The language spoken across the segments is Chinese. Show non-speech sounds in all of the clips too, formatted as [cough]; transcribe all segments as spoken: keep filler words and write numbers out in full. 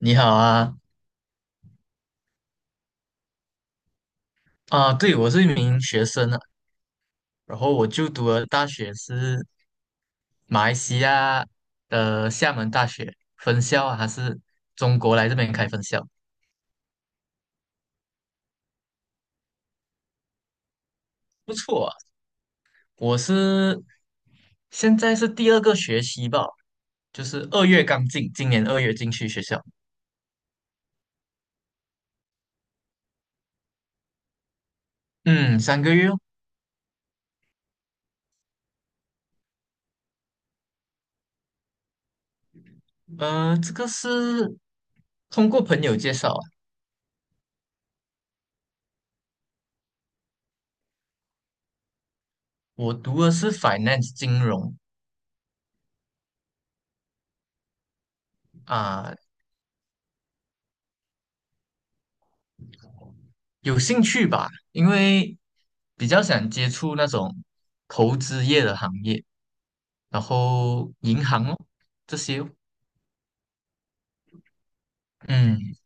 你好啊，啊，对，我是一名学生啊，然后我就读的大学是马来西亚的厦门大学分校啊，还是中国来这边开分校，不错啊。我是现在是第二个学期吧，就是二月刚进，今年二月进去学校，嗯，三个月哦。呃，这个是通过朋友介绍啊，我读的是 finance 金融啊，有兴趣吧，因为比较想接触那种投资业的行业，然后银行哦这些哦，嗯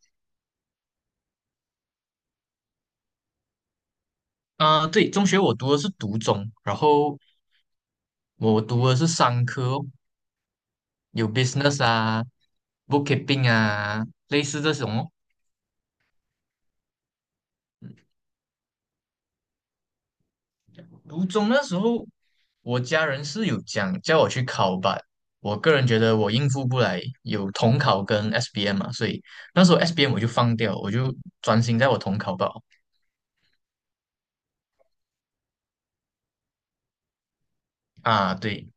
啊、对，中学我读的是读中，然后我读的是商科哦有 business 啊，bookkeeping 啊，类似这种哦。读中那时候，我家人是有讲叫我去考吧，我个人觉得我应付不来，有统考跟 S B M 嘛，所以那时候 S B M 我就放掉，我就专心在我统考吧。啊，对，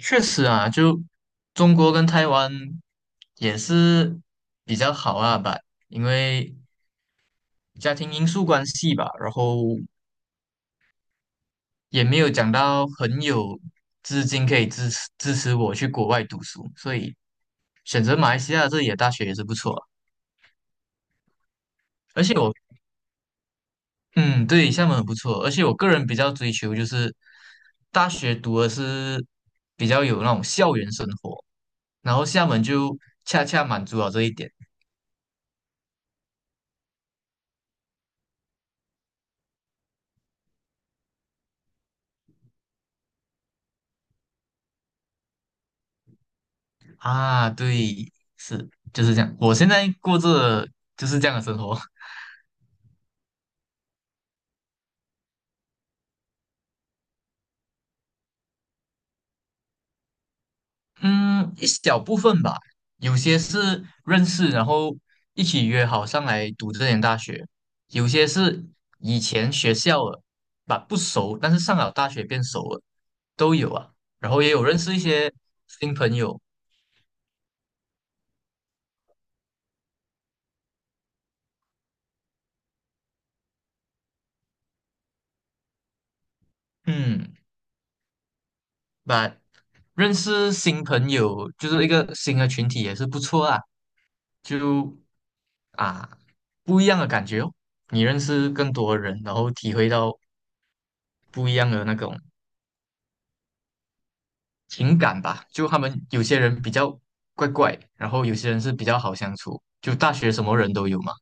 确实啊，就中国跟台湾也是比较好啊吧，因为家庭因素关系吧，然后也没有讲到很有资金可以支持支持我去国外读书，所以选择马来西亚这里的大学也是不错啊而且我，嗯，对，厦门很不错，而且我个人比较追求就是大学读的是比较有那种校园生活，然后厦门就恰恰满足了这一点。啊，对，是就是这样。我现在过着就是这样的生活，嗯，一小部分吧，有些是认识，然后一起约好上来读这间大学，有些是以前学校了，吧不熟，但是上了大学变熟了，都有啊。然后也有认识一些新朋友，嗯，把认识新朋友就是一个新的群体也是不错啊，就。啊，不一样的感觉哦。你认识更多的人，然后体会到不一样的那种情感吧。就他们有些人比较怪怪，然后有些人是比较好相处。就大学什么人都有嘛。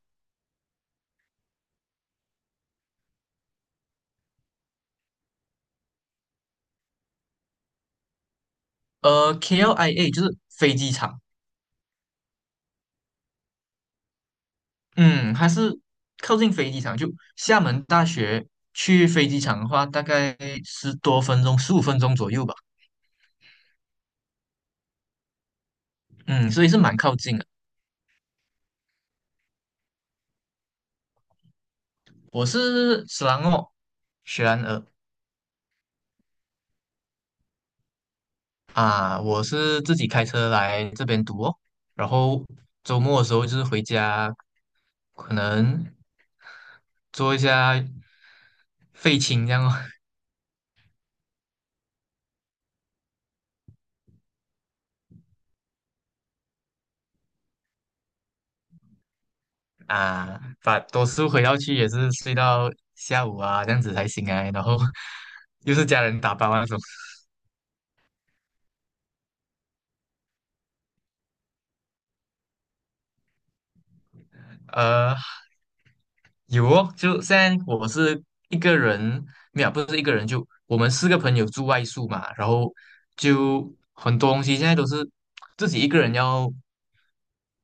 呃，K L I A 就是飞机场，嗯，还是靠近飞机场。就厦门大学去飞机场的话，大概十多分钟、十五分钟左右吧。嗯，所以是蛮靠近的。我是斯兰哦，雪兰莪。啊，我是自己开车来这边读哦，然后周末的时候就是回家，可能做一下废寝这样哦 [laughs] 啊，把读书回到去也是睡到下午啊，这样子才醒来，然后 [laughs] 又是家人打包啊那种，呃，有哦，就现在我是一个人，没有，不是一个人，就我们四个朋友住外宿嘛，然后就很多东西现在都是自己一个人要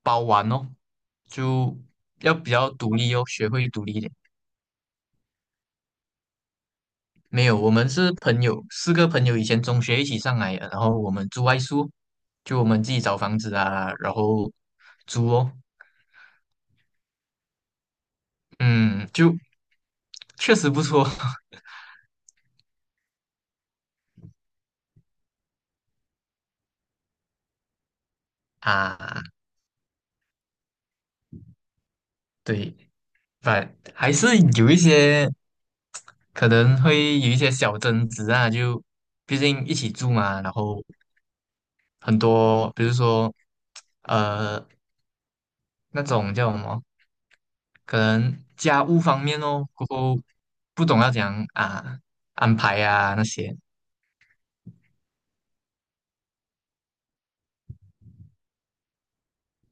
包完哦，就要比较独立哦，学会独立一点。没有，我们是朋友，四个朋友以前中学一起上来的，然后我们住外宿，就我们自己找房子啊，然后租哦，嗯，就确实不错 [laughs] 啊，对，反还是有一些。可能会有一些小争执啊，就毕竟一起住嘛，然后很多，比如说，呃，那种叫什么，可能家务方面哦，过后不懂要怎样啊安排啊那些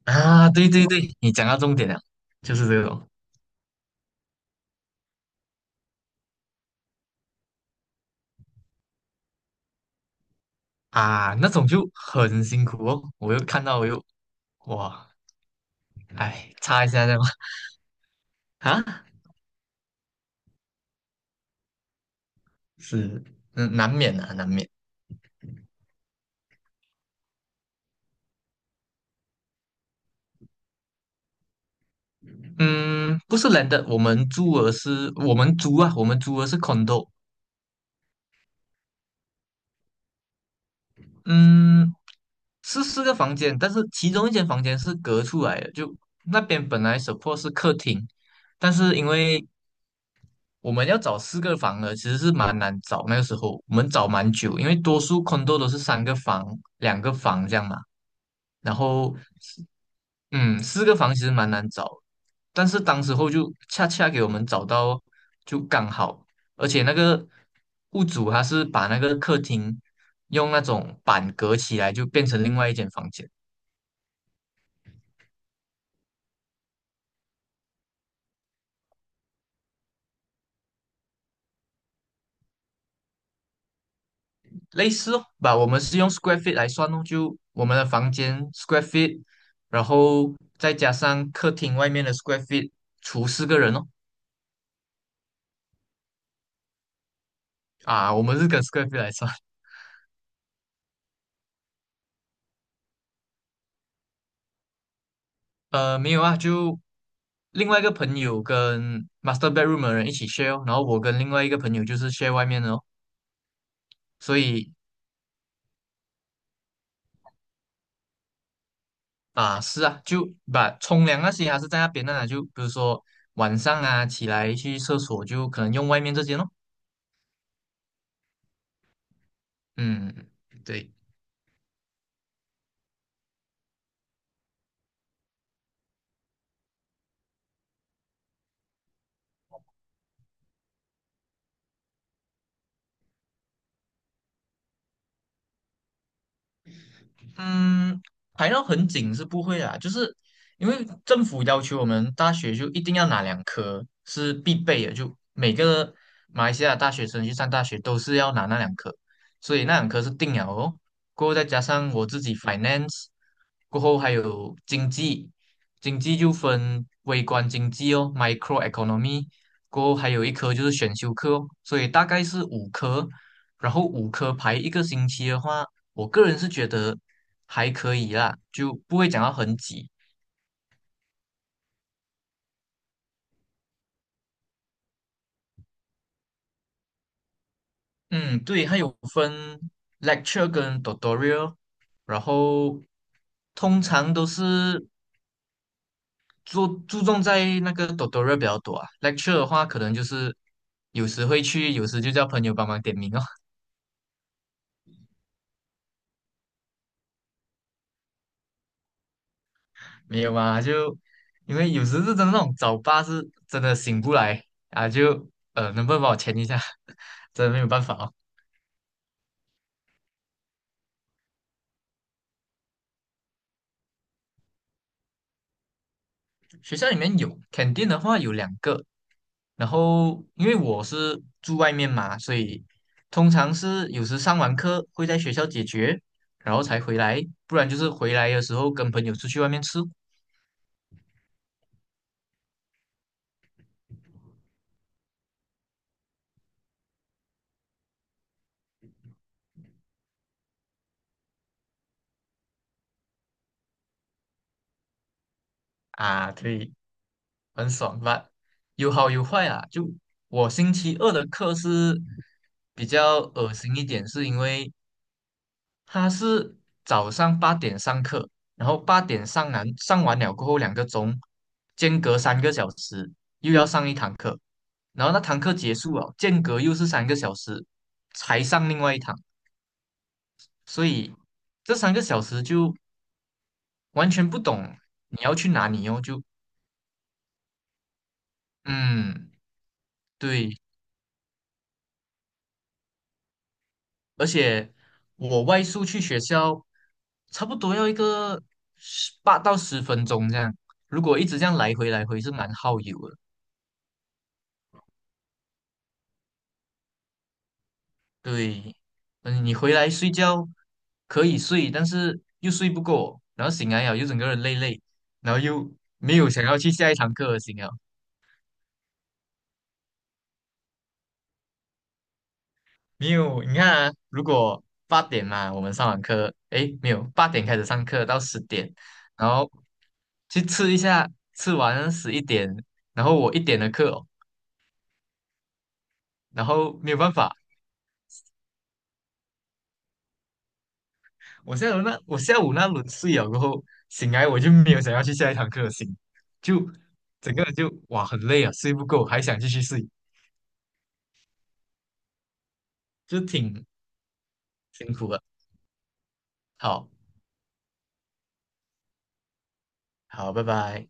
啊，对对对，你讲到重点了，就是这种啊，那种就很辛苦哦，我又看到我又哇，哎，擦一下这样 [laughs] 啊，是，嗯，难免的，难免。嗯，不是人的，我们租的是我们租啊，我们租的是 condo，嗯，是四个房间，但是其中一间房间是隔出来的，就那边本来 support 是客厅，但是因为我们要找四个房的，其实是蛮难找。那个时候我们找蛮久，因为多数 condo 都是三个房、两个房这样嘛。然后，嗯，四个房其实蛮难找，但是当时候就恰恰给我们找到，就刚好。而且那个屋主他是把那个客厅用那种板隔起来，就变成另外一间房间。类似哦，吧，我们是用 square feet 来算哦，就我们的房间 square feet，然后再加上客厅外面的 square feet，除四个人哦。啊，我们是跟 square feet 来算。呃，没有啊，就另外一个朋友跟 master bedroom 的人一起 share 哦，然后我跟另外一个朋友就是 share 外面的哦。所以啊，是啊，就把冲凉那些还是在那边的啦，就比如说晚上啊起来去厕所就可能用外面这间哦。嗯，对。嗯，排到很紧是不会啦，就是因为政府要求我们大学就一定要拿两科是必备的，就每个马来西亚大学生去上大学都是要拿那两科，所以那两科是定了哦。过后再加上我自己 finance，过后还有经济，经济就分微观经济哦，micro economy，过后还有一科就是选修课哦，所以大概是五科，然后五科排一个星期的话。我个人是觉得还可以啦，就不会讲到很挤。嗯，对，它有分 lecture 跟 tutorial，然后通常都是注注重在那个 tutorial 比较多啊。lecture 的话，可能就是有时会去，有时就叫朋友帮忙点名哦。[laughs] 没有嘛，就因为有时是真的那种早八是真的醒不来啊，就呃能不能帮我签一下？[laughs] 真的没有办法哦。学校里面有肯定的话有两个，然后因为我是住外面嘛，所以通常是有时上完课会在学校解决，然后才回来，不然就是回来的时候跟朋友出去外面吃啊，对，很爽吧？有好有坏啊。就我星期二的课是比较恶心一点，是因为他是早上八点上课，然后八点上完上完了过后两个钟，间隔三个小时又要上一堂课，然后那堂课结束了，间隔又是三个小时才上另外一堂，所以这三个小时就完全不懂你要去哪里哦，就嗯对，而且我外宿去学校差不多要一个十八到十分钟这样，如果一直这样来回来回是蛮耗油的。对，嗯，你回来睡觉可以睡，但是又睡不够，然后醒来了又整个人累累，然后又没有想要去下一堂课的心啊。没有，你看啊，如果八点嘛，我们上完课，诶，没有，八点开始上课到十点，然后去吃一下，吃完十一点，然后我一点的课哦然后没有办法，我下午那我下午那轮睡了过后，醒来我就没有想要去下一堂课的心，就整个人就哇很累啊，睡不够，还想继续睡，就挺辛苦的。好，好，拜拜。